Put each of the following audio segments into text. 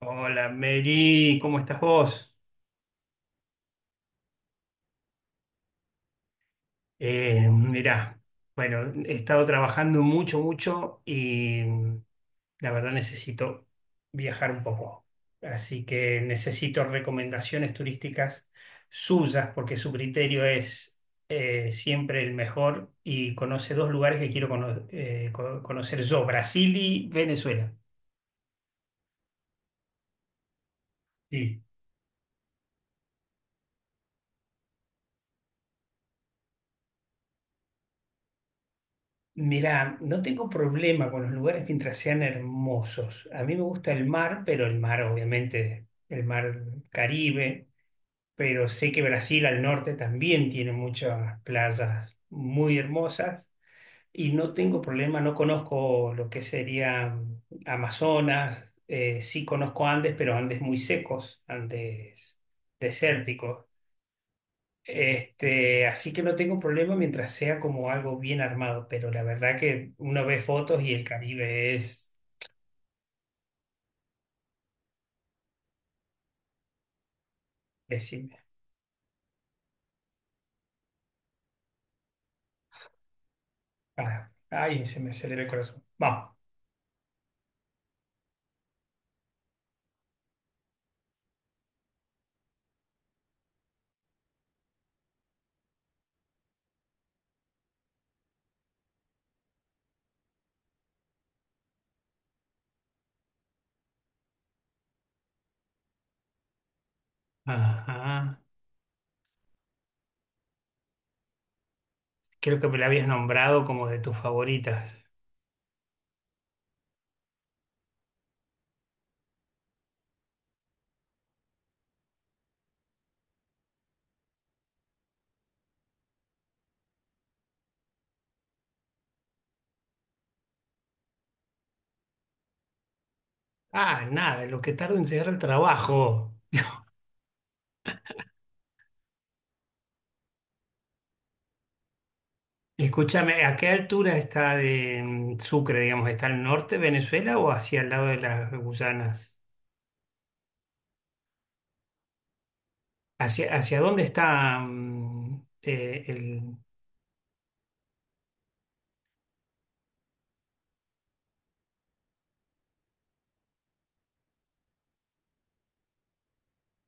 Hola, Mary, ¿cómo estás vos? Mirá, bueno, he estado trabajando mucho, mucho y. La verdad necesito viajar un poco. Así que necesito recomendaciones turísticas suyas porque su criterio es, siempre el mejor, y conoce dos lugares que quiero conocer yo, Brasil y Venezuela. Sí. Mirá, no tengo problema con los lugares mientras sean hermosos. A mí me gusta el mar, pero el mar, obviamente, el mar Caribe, pero sé que Brasil al norte también tiene muchas playas muy hermosas, y no tengo problema, no conozco lo que sería Amazonas. Sí conozco Andes, pero Andes muy secos, Andes desérticos. Este, así que no tengo problema mientras sea como algo bien armado, pero la verdad que uno ve fotos y el Caribe es, decime, para, ay, se me acelera el corazón. Vamos. Ajá. Creo que me la habías nombrado como de tus favoritas. Ah, nada, lo que tardo en llegar al trabajo. Escúchame, ¿a qué altura está de Sucre, digamos? ¿Está al norte de Venezuela o hacia el lado de las Guyanas? ¿Hacia, hacia dónde está?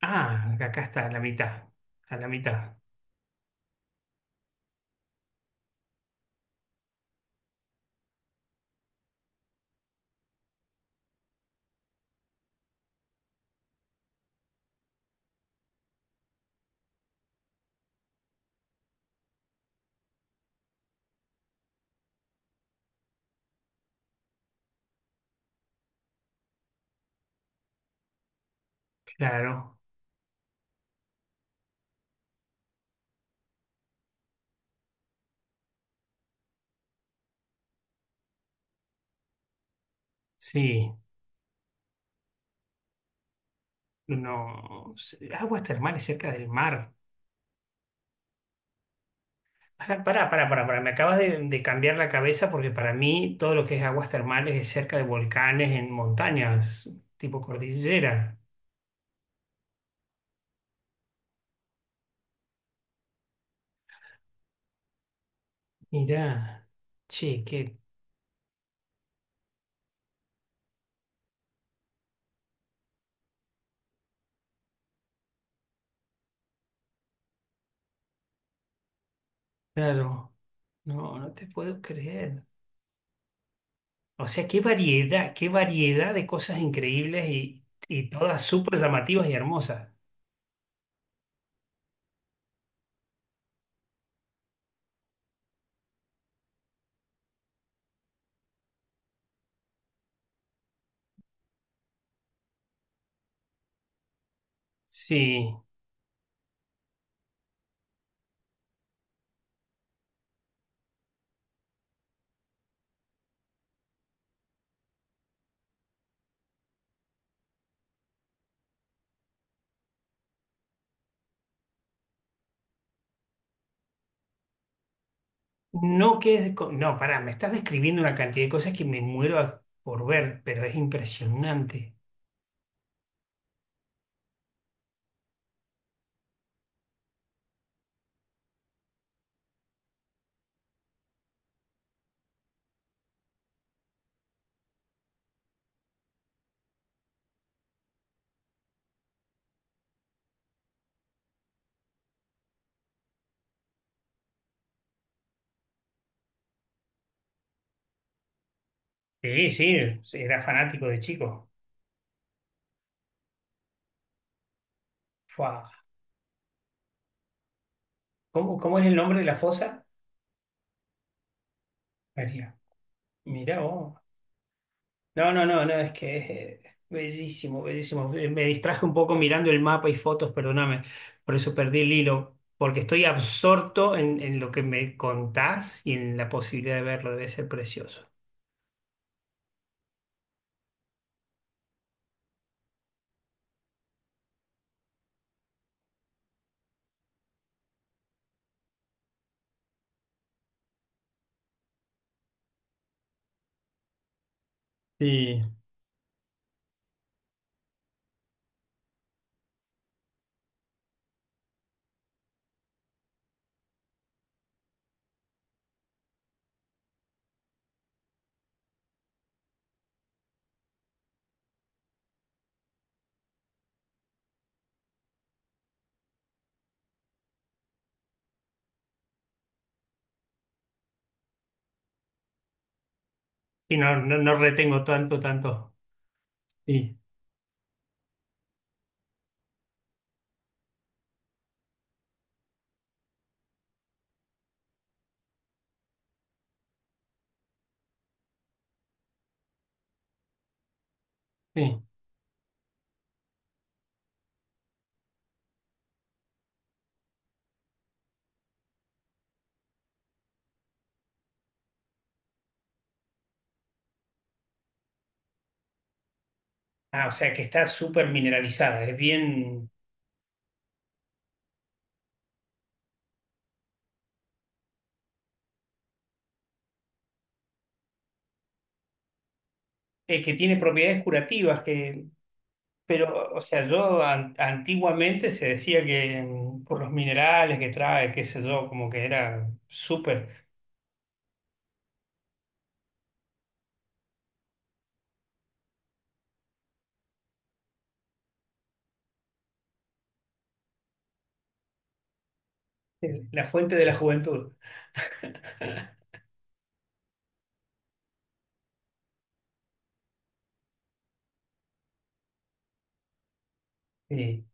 Ah, acá está, a la mitad. A la mitad, claro. Sí, no. Sí, aguas termales cerca del mar. Pará, pará, pará, pará, pará, me acabas de cambiar la cabeza porque para mí todo lo que es aguas termales es cerca de volcanes, en montañas, tipo cordillera. Mirá, che, qué claro. No, no te puedo creer. O sea, qué variedad de cosas increíbles, y todas súper llamativas y hermosas. Sí. No, que es, no, pará, me estás describiendo una cantidad de cosas que me muero por ver, pero es impresionante. Sí, sí, sí, era fanático de chico. Fua. ¿Cómo, cómo es el nombre de la fosa? María. Mirá vos. No, no, no, no, es que es, bellísimo, bellísimo. Me distraje un poco mirando el mapa y fotos, perdóname, por eso perdí el hilo, porque estoy absorto en lo que me contás y en la posibilidad de verlo, debe ser precioso. Sí. Y no, no, no retengo tanto, tanto. Sí. Sí. Ah, o sea que está súper mineralizada, es bien, que tiene propiedades curativas, que, pero, o sea, yo antiguamente se decía que, por los minerales que trae, qué sé yo, como que era súper, la fuente de la juventud. Sí,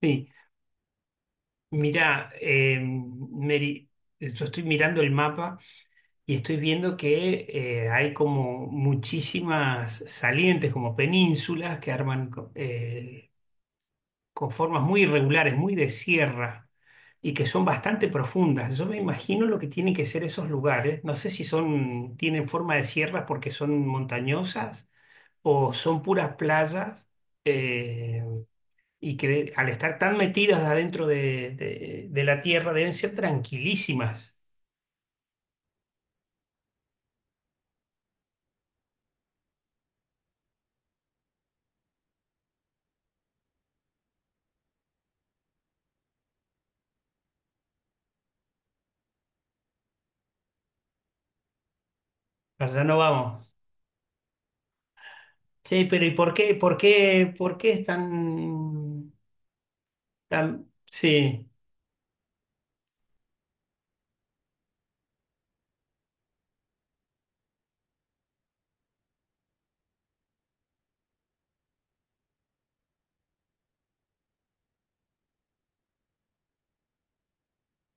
sí. Mirá, Mary, yo estoy mirando el mapa y estoy viendo que, hay como muchísimas salientes, como penínsulas que arman con formas muy irregulares, muy de sierra, y que son bastante profundas. Yo me imagino lo que tienen que ser esos lugares. No sé si son, tienen forma de sierra porque son montañosas o son puras playas. eh, y que al estar tan metidas adentro de la tierra deben ser tranquilísimas. Para allá no vamos. Sí, pero ¿y por qué, por qué, por qué es tan, tan, sí,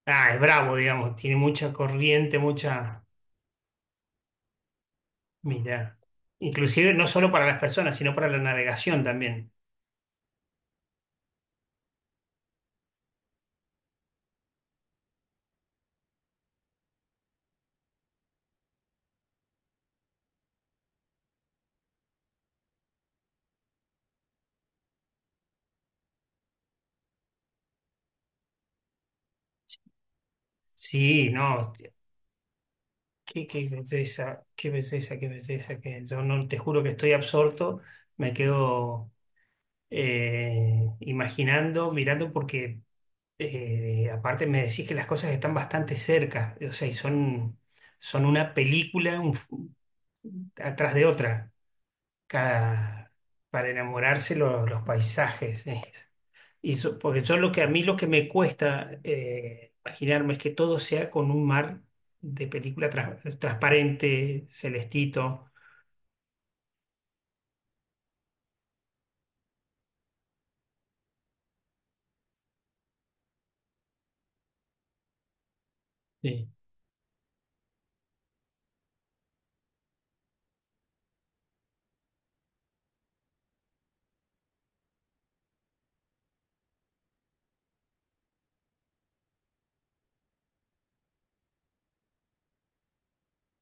ah, es bravo, digamos, tiene mucha corriente, mucha... Mira, inclusive no solo para las personas, sino para la navegación también. Sí, no, hostia, qué, qué belleza, qué belleza, qué belleza, que yo no te juro que estoy absorto, me quedo imaginando, mirando, porque, aparte me decís que las cosas están bastante cerca, o sea, y son, son una película un atrás de otra, cada, para enamorarse los paisajes. Y porque yo lo que a mí lo que me cuesta imaginarme es que todo sea con un mar de película transparente, celestito. Sí,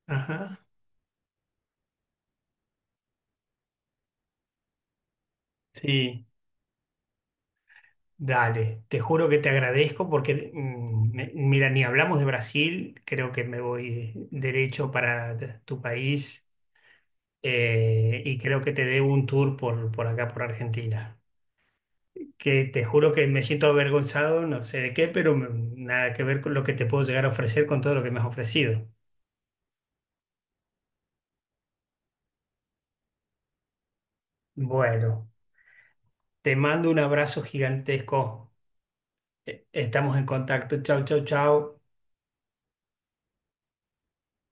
ajá, sí. Dale, te juro que te agradezco porque, mira, ni hablamos de Brasil, creo que me voy derecho para tu país. Y creo que te debo un tour por acá, por Argentina. Que te juro que me siento avergonzado, no sé de qué, nada que ver con lo que te puedo llegar a ofrecer con todo lo que me has ofrecido. Bueno, te mando un abrazo gigantesco. Estamos en contacto. Chau, chau, chau.